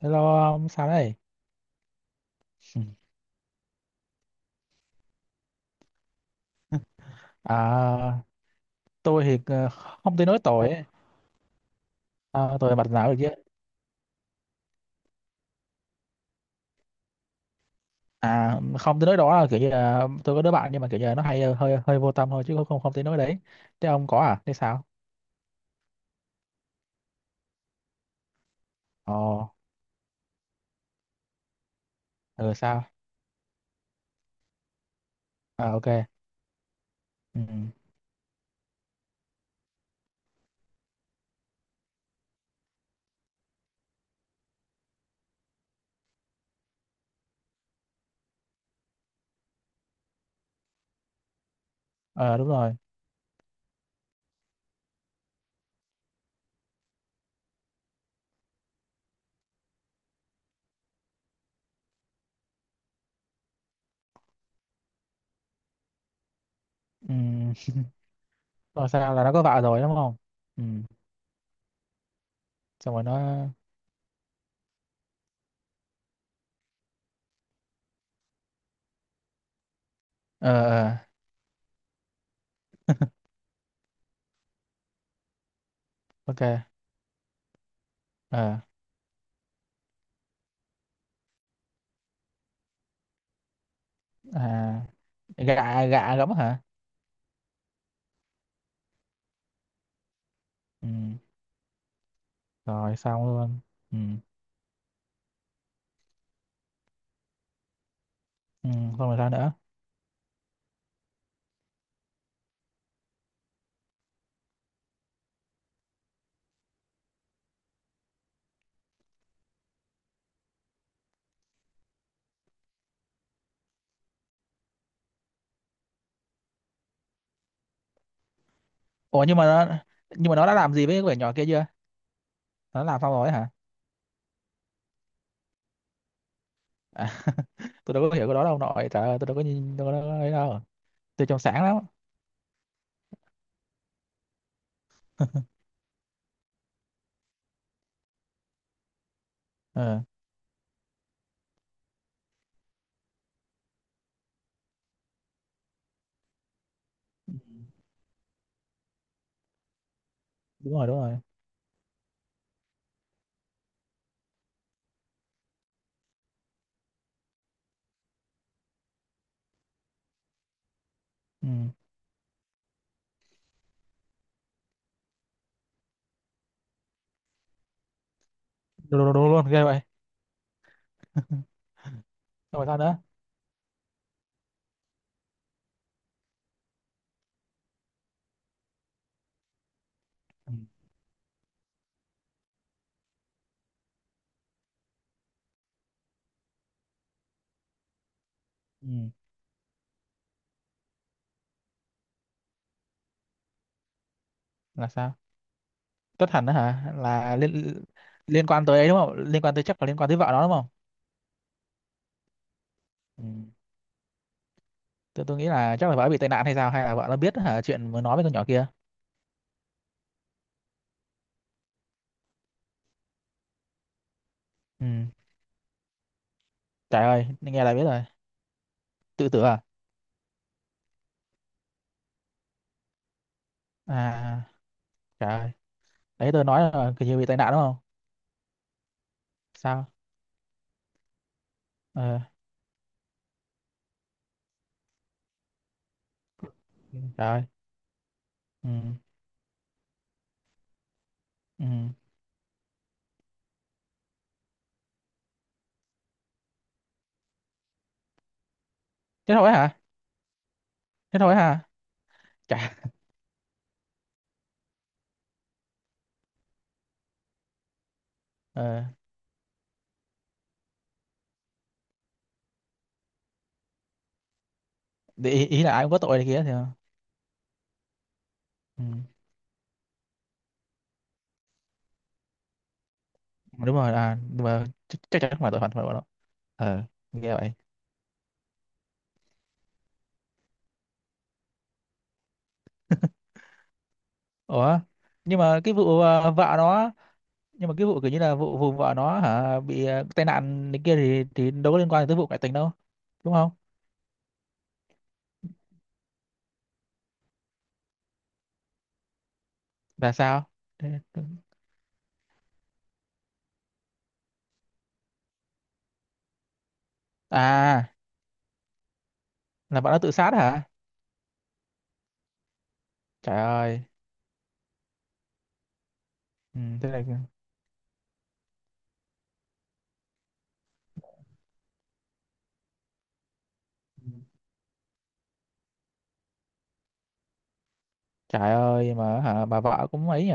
Hello ông sao đây? Ừ. À, tôi thì không tới nói tội ấy. À, tôi bạch não được chứ. À, không tới nói đó là kiểu như là tôi có đứa bạn nhưng mà kiểu như là nó hay hơi hơi vô tâm thôi chứ không không, không tới nói đấy. Thế ông có à? Thế sao? Ồ, ừ sao? À, ok. Ừ. Ờ đúng rồi. Ừ. Rồi sao là nó có vợ rồi đúng không? Ừ. Xong rồi nó ờ ờ, ok. Ờ, à, gạ gạ lắm hả? Ừ. Rồi xong luôn. Ừ. Ừ, xong rồi sao nữa? Ủa, nhưng mà nó đã làm gì với cái quyển nhỏ kia chưa? Nó làm xong rồi ấy hả? À, tôi đâu có hiểu cái đó đâu nội. Trời ơi, tôi đâu có nhìn đâu có ấy đâu. Tôi trong sáng lắm. Ờ, đúng rồi, đúng rồi. Ừ. Đúng, đúng, đúng luôn, ghê vậy. Xong rồi sao nữa? Ừ. Ừ. Là sao? Tất thành đó hả? Là liên liên quan tới ấy đúng không? Liên quan tới chắc là liên quan tới vợ nó đúng không? Ừ. Tôi nghĩ là chắc là vợ bị tai nạn hay sao, hay là vợ nó biết hả chuyện mới nói với con nhỏ kia. Ừ. Trời ơi, nghe là biết rồi. Tự tử à? À, trời ơi. Đấy tôi nói là kiểu như bị tai nạn đúng không? Sao? Ờ rồi. Ừ. Ừ, thế thôi hả? Thế thôi hả? Chả. ờ để ý, ý là ai cũng có tội này kia thì ừ. đúng rồi. À, nhưng mà chắc chắn không phải tội phạm phải bọn nó. Ờ, nghe vậy. Ủa, nhưng mà cái vụ ờ, vợ nó nhưng mà cái vụ kiểu như là vụ vụ vợ nó hả bị tai nạn này kia thì đâu có liên quan tới vụ ngoại tình đâu đúng không? Là sao? Thế- À, là bạn nó tự sát hả? Trời ơi. Ừ, thế này. Trời ơi, mà hả bà vợ cũng ấy nhỉ.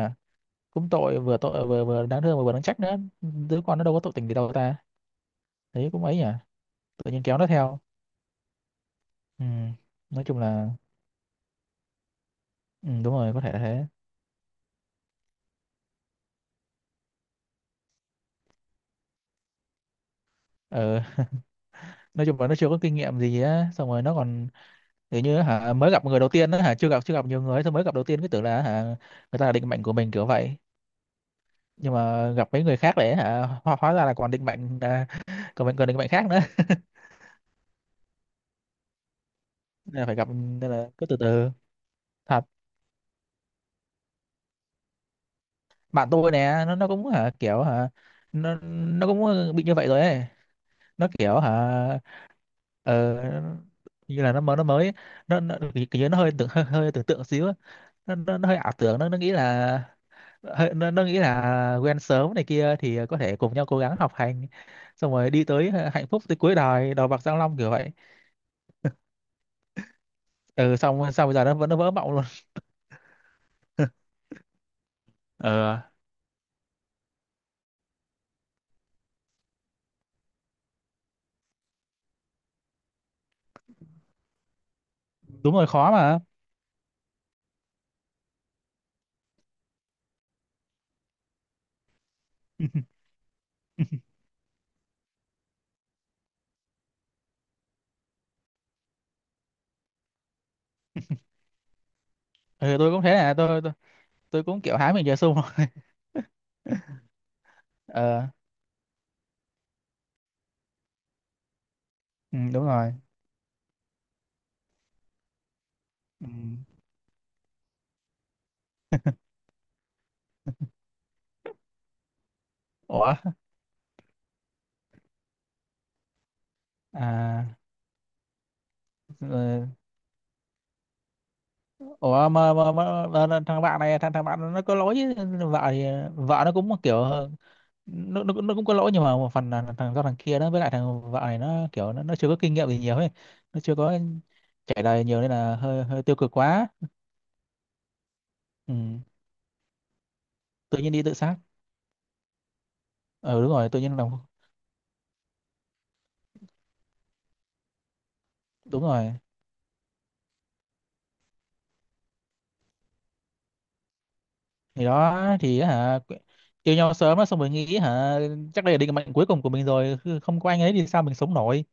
Cũng tội, vừa vừa đáng thương mà vừa đáng trách nữa. Đứa con nó đâu có tội tình gì đâu ta. Thấy cũng ấy nhỉ. Tự nhiên kéo nó theo. Ừ. Nói chung là ừ, đúng rồi, có thể là thế. Ừ. Nói chung là nó chưa có kinh nghiệm gì á, xong rồi nó còn kiểu như hả mới gặp người đầu tiên đó hả chưa gặp nhiều người, xong mới gặp đầu tiên cứ tưởng là hả người ta là định mệnh của mình kiểu vậy. Nhưng mà gặp mấy người khác để hả hóa ra là còn định mệnh à, còn mình còn định mệnh khác nữa. Nên là phải gặp, nên là cứ từ từ. Thật. Bạn tôi nè, nó cũng hả kiểu hả nó cũng bị như vậy rồi ấy. Nó kiểu hả ờ, như là nó mới nó kiểu như nó hơi hơi tưởng tượng xíu á. Nó hơi ảo tưởng, nó nghĩ là nó nghĩ là quen sớm này kia thì có thể cùng nhau cố gắng học hành, xong rồi đi tới hạnh phúc tới cuối đời, đầu bạc răng long kiểu vậy. Ừ, xong xong bây giờ nó vẫn vỡ mộng luôn. Ờ đúng rồi, khó mà. Ừ, tôi cũng thế à, tôi cũng kiểu hái mình về sung. Ờ, ừ, đúng rồi. Ừ. Ủa, à. Ủa, mà, là thằng bạn này, thằng thằng bạn nó có lỗi chứ. Vợ thì vợ nó cũng kiểu nó cũng có lỗi nhưng mà một phần là thằng do thằng kia đó, với lại thằng vợ này nó kiểu nó chưa có kinh nghiệm gì nhiều ấy, nó chưa có trải đời nhiều nên là hơi hơi tiêu cực quá. Ừ. Tự nhiên đi tự sát. Ừ đúng rồi, tự nhiên làm. Đúng rồi. Thì đó thì hả yêu nhau sớm á, xong rồi nghĩ hả chắc đây là định mệnh cuối cùng của mình rồi, cứ không có anh ấy thì sao mình sống nổi.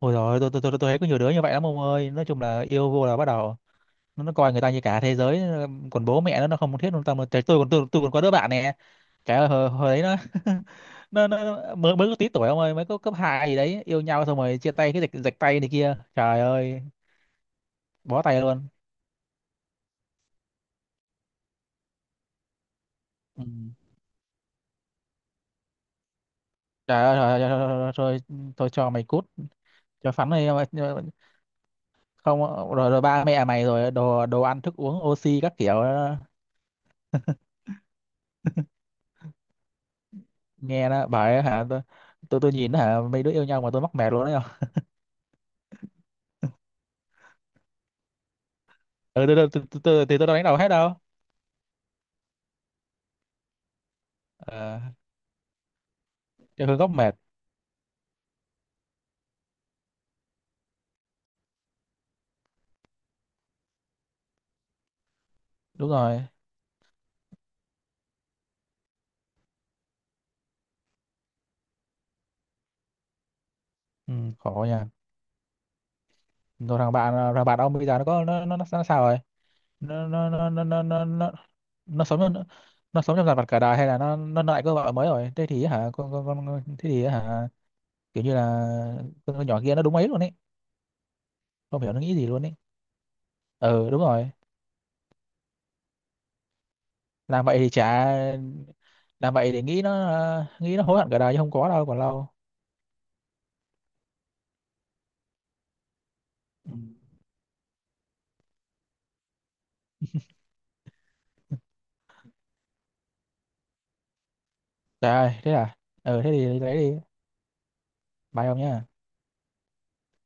Ôi rồi, tôi thấy có nhiều đứa như vậy lắm ông ơi, nói chung là yêu vô là bắt đầu nó coi người ta như cả thế giới, còn bố mẹ nó không thiết luôn. Tâm tôi còn tôi còn có đứa bạn nè. Cái hồi đấy nó nó, nó mới mới có tí tuổi ông ơi, mới có cấp hai gì đấy yêu nhau xong rồi chia tay cái dịch dịch tay này kia, trời ơi. Bó tay luôn. Ừ. Trời ơi, rồi, rồi, rồi, rồi, tôi cho mày cút, cho phắn mày. Không. Rồi, rồi ba mẹ mày, rồi đồ đồ ăn thức uống oxy các kiểu đó. Nghe nó bảo ấy, hả tôi tôi nhìn nó, hả mấy đứa yêu nhau mà tôi mắc mệt luôn đấy không. Ừ, tôi đâu đánh đầu hết đâu. Ờ. Địa phương gốc mệt. Đúng rồi. Ừ, khổ nha. Rồi thằng bạn ông bây giờ nó có nó sao rồi? nó nó nó nó nó nó, nó, nó sống nó, nó sống trong dằn vặt cả đời hay là nó lại có vợ mới rồi, thế thì hả thế thì hả kiểu như là con nhỏ kia nó đúng ấy luôn ấy. Không hiểu nó nghĩ gì luôn ấy. Ừ, đúng rồi. Làm vậy thì chả làm vậy để nghĩ nó nghĩ nó hối hận cả đời chứ không có đâu, còn lâu. Ừ. Trời ơi thế à. Ừ thế thì lấy đi. Bye ông nhá.